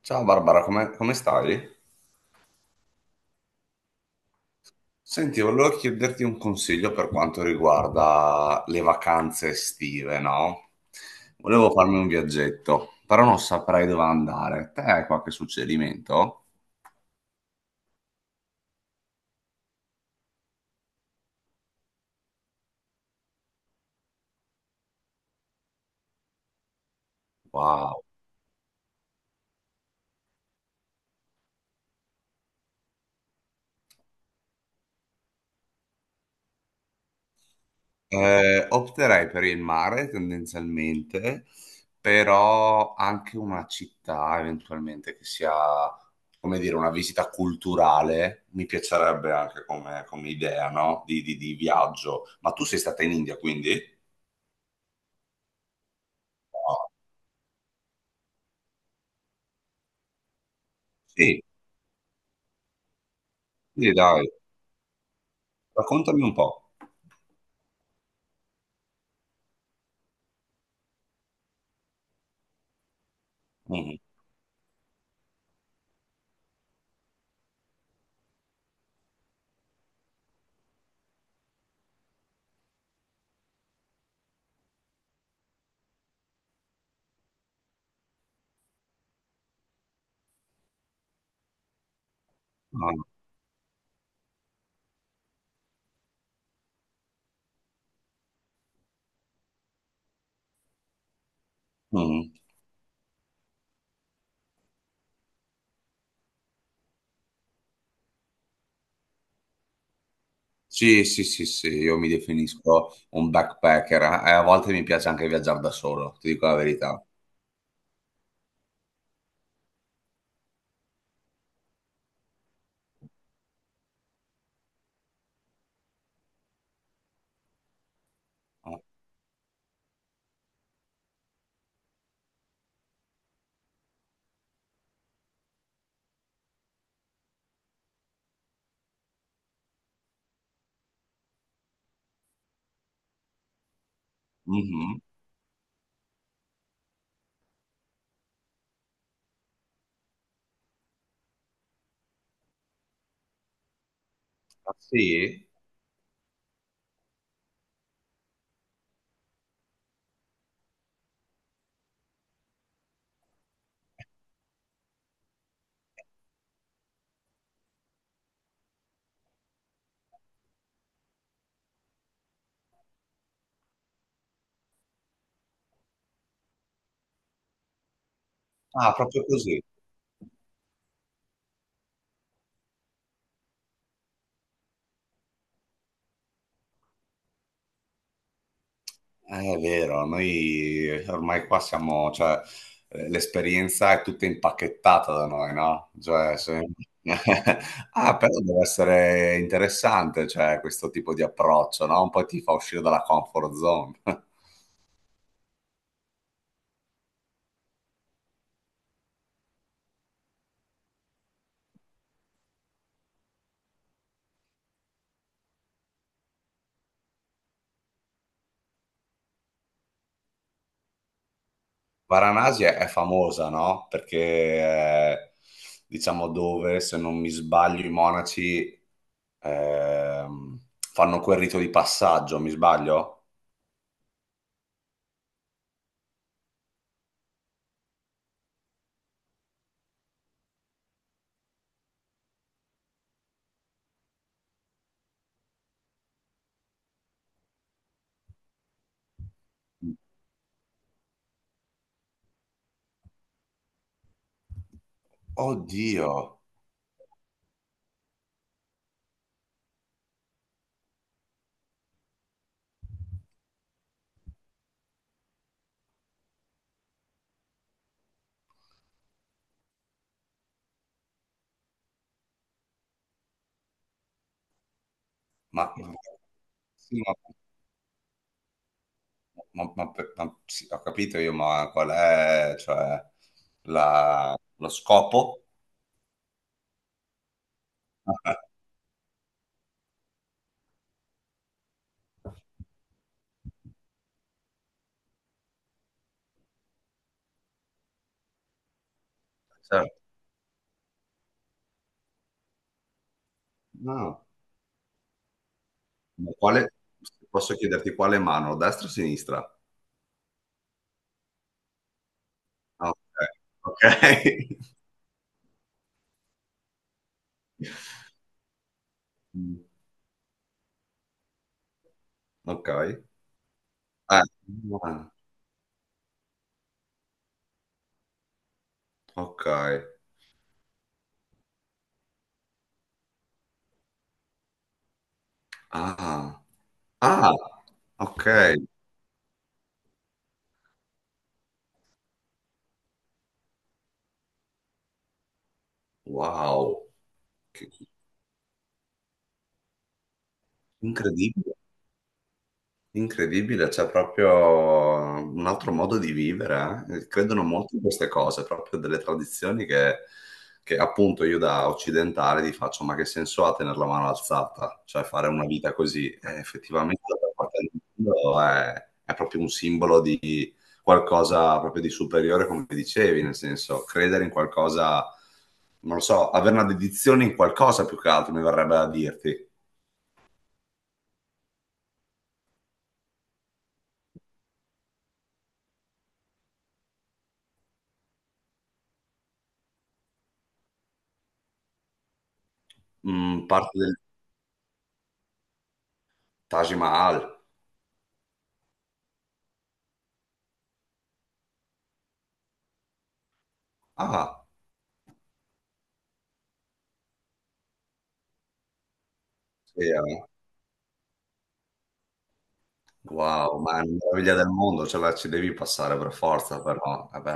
Ciao Barbara, come stai? Senti, volevo chiederti un consiglio per quanto riguarda le vacanze estive, no? Volevo farmi un viaggetto, però non saprei dove andare. Te hai qualche suggerimento? Wow. Opterei per il mare tendenzialmente, però anche una città eventualmente che sia, come dire, una visita culturale, mi piacerebbe anche come idea, no? Di viaggio. Ma tu sei stata in India, quindi? No. Sì, sì, dai, raccontami un po'. Mhm. Ah, mhm. Sì, sì, sì, sì, io mi definisco un backpacker, a volte mi piace anche viaggiare da solo, ti dico la verità. Mhm. Ah, sì? Ah, proprio così. È vero, noi ormai qua siamo, cioè, l'esperienza è tutta impacchettata da noi, no? Cioè, se- Ah, però deve essere interessante, cioè, questo tipo di approccio, no? Un po' ti fa uscire dalla comfort zone. Varanasi è famosa, no? Perché, diciamo, dove, se non mi sbaglio, i monaci ehm, fanno quel rito di passaggio, mi sbaglio? Oddio! Ma, e- sì, ma- ma- sì, ho capito io, ma qual è, cioè, la- lo scopo? Ah, certo. No. Ma quale- posso chiederti quale mano, destra o sinistra? Ah, ok. Ok. Mm, ok. Ah, ah, ok. Ah, ah, ok. Wow. Che- Incredibile. Incredibile, c'è proprio un altro modo di vivere, eh. Credono molto in queste cose, proprio delle tradizioni che appunto io da occidentale ti faccio, ma che senso ha tenere la mano alzata? Cioè fare una vita così? Effettivamente da qualche parte del mondo è proprio un simbolo di qualcosa proprio di superiore, come dicevi, nel senso credere in qualcosa, non lo so, avere una dedizione in qualcosa più che altro, mi verrebbe da dirti. Mm, parte del Taj Mahal. Ah, vero? Wow, ma è una meraviglia del mondo, ce la ci devi passare per forza, però, vabbè.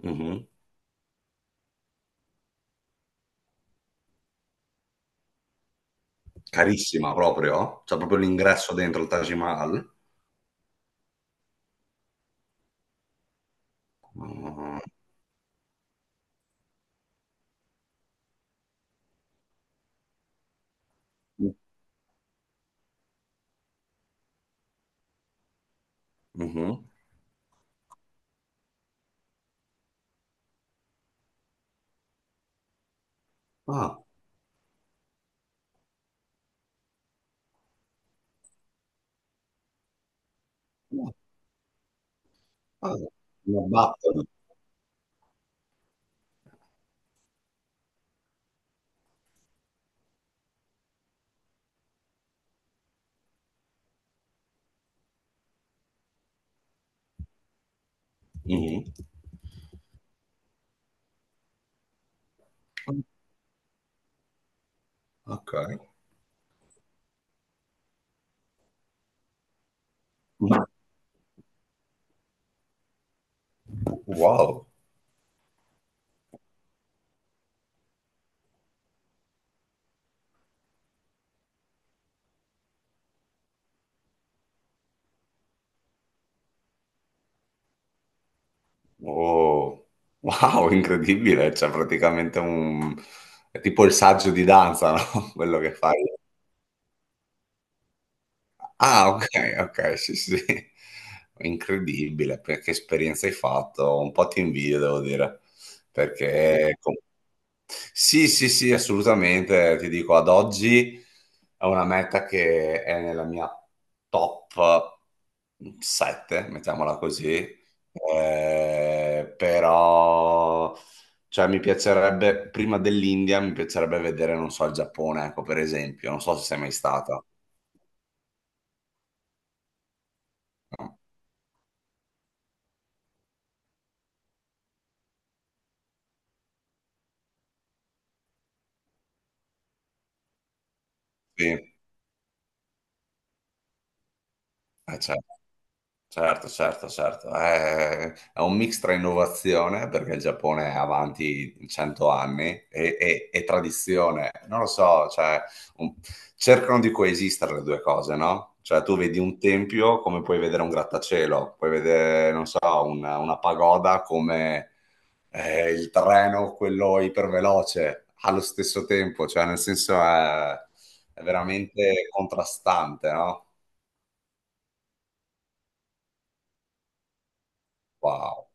Mhm. Carissima proprio? C'è proprio l'ingresso dentro il Taj Mahal? Ah, mhm. Ah, no, ah, una button. Mhm. Ok. Ma- Wow. Oh. Wow, incredibile, c'è praticamente un... è tipo il saggio di danza, no? Quello che fai. Ah, ok, ok, sì, sì. Incredibile, per- che esperienza hai fatto, un po' ti invidio, devo dire, perché com- sì, sì, sì, assolutamente, ti dico, ad oggi è una meta che è nella mia top 7, mettiamola così. Però, cioè, mi piacerebbe, prima dell'India, mi piacerebbe vedere, non so, il Giappone, ecco, per esempio, non so se sei mai stata. No. Sì. Eh, certo, certo. È un mix tra innovazione, perché il Giappone è avanti 100 anni, e tradizione. Non lo so, cioè, un- cercano di coesistere le due cose, no? Cioè, tu vedi un tempio come puoi vedere un grattacielo, puoi vedere, non so, una pagoda come il treno, quello iperveloce, allo stesso tempo, cioè, nel senso è veramente contrastante, no? Wow.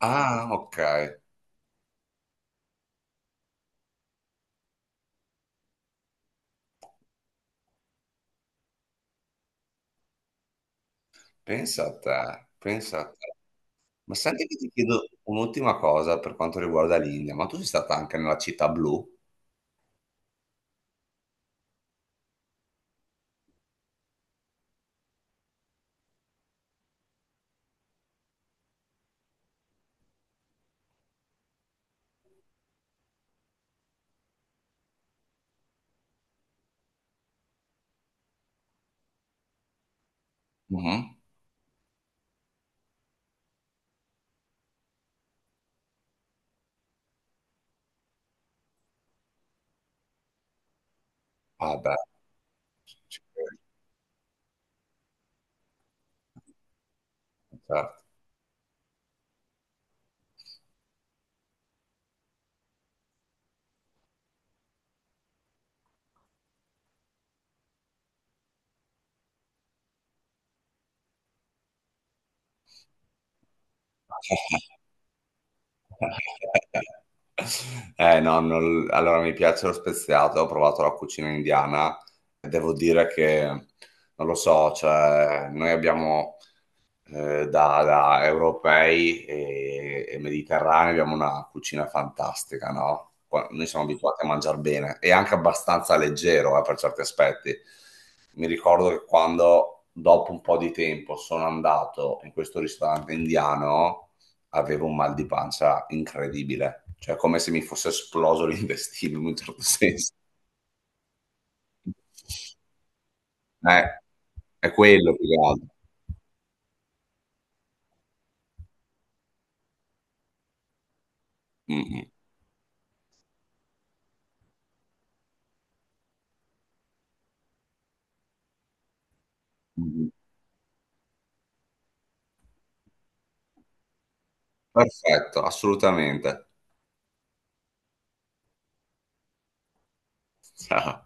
Ah, ok, pensa a te, pensa a te. Ma senti che ti chiedo un'ultima cosa per quanto riguarda l'India, ma tu sei stata anche nella città blu? Mhm. Ah beh, ci credo, certo. Eh no, non- allora mi piace lo speziato, ho provato la cucina indiana, devo dire che, non lo so, cioè, noi abbiamo da europei e mediterranei abbiamo una cucina fantastica, no? Qua- Noi siamo abituati a mangiare bene e anche abbastanza leggero, per certi aspetti. Mi ricordo che quando, dopo un po' di tempo, sono andato in questo ristorante indiano, avevo un mal di pancia incredibile, cioè come se mi fosse esploso l'intestino in un certo senso. Eh, è quello più che altro. Mm, mm. Perfetto, assolutamente. Haha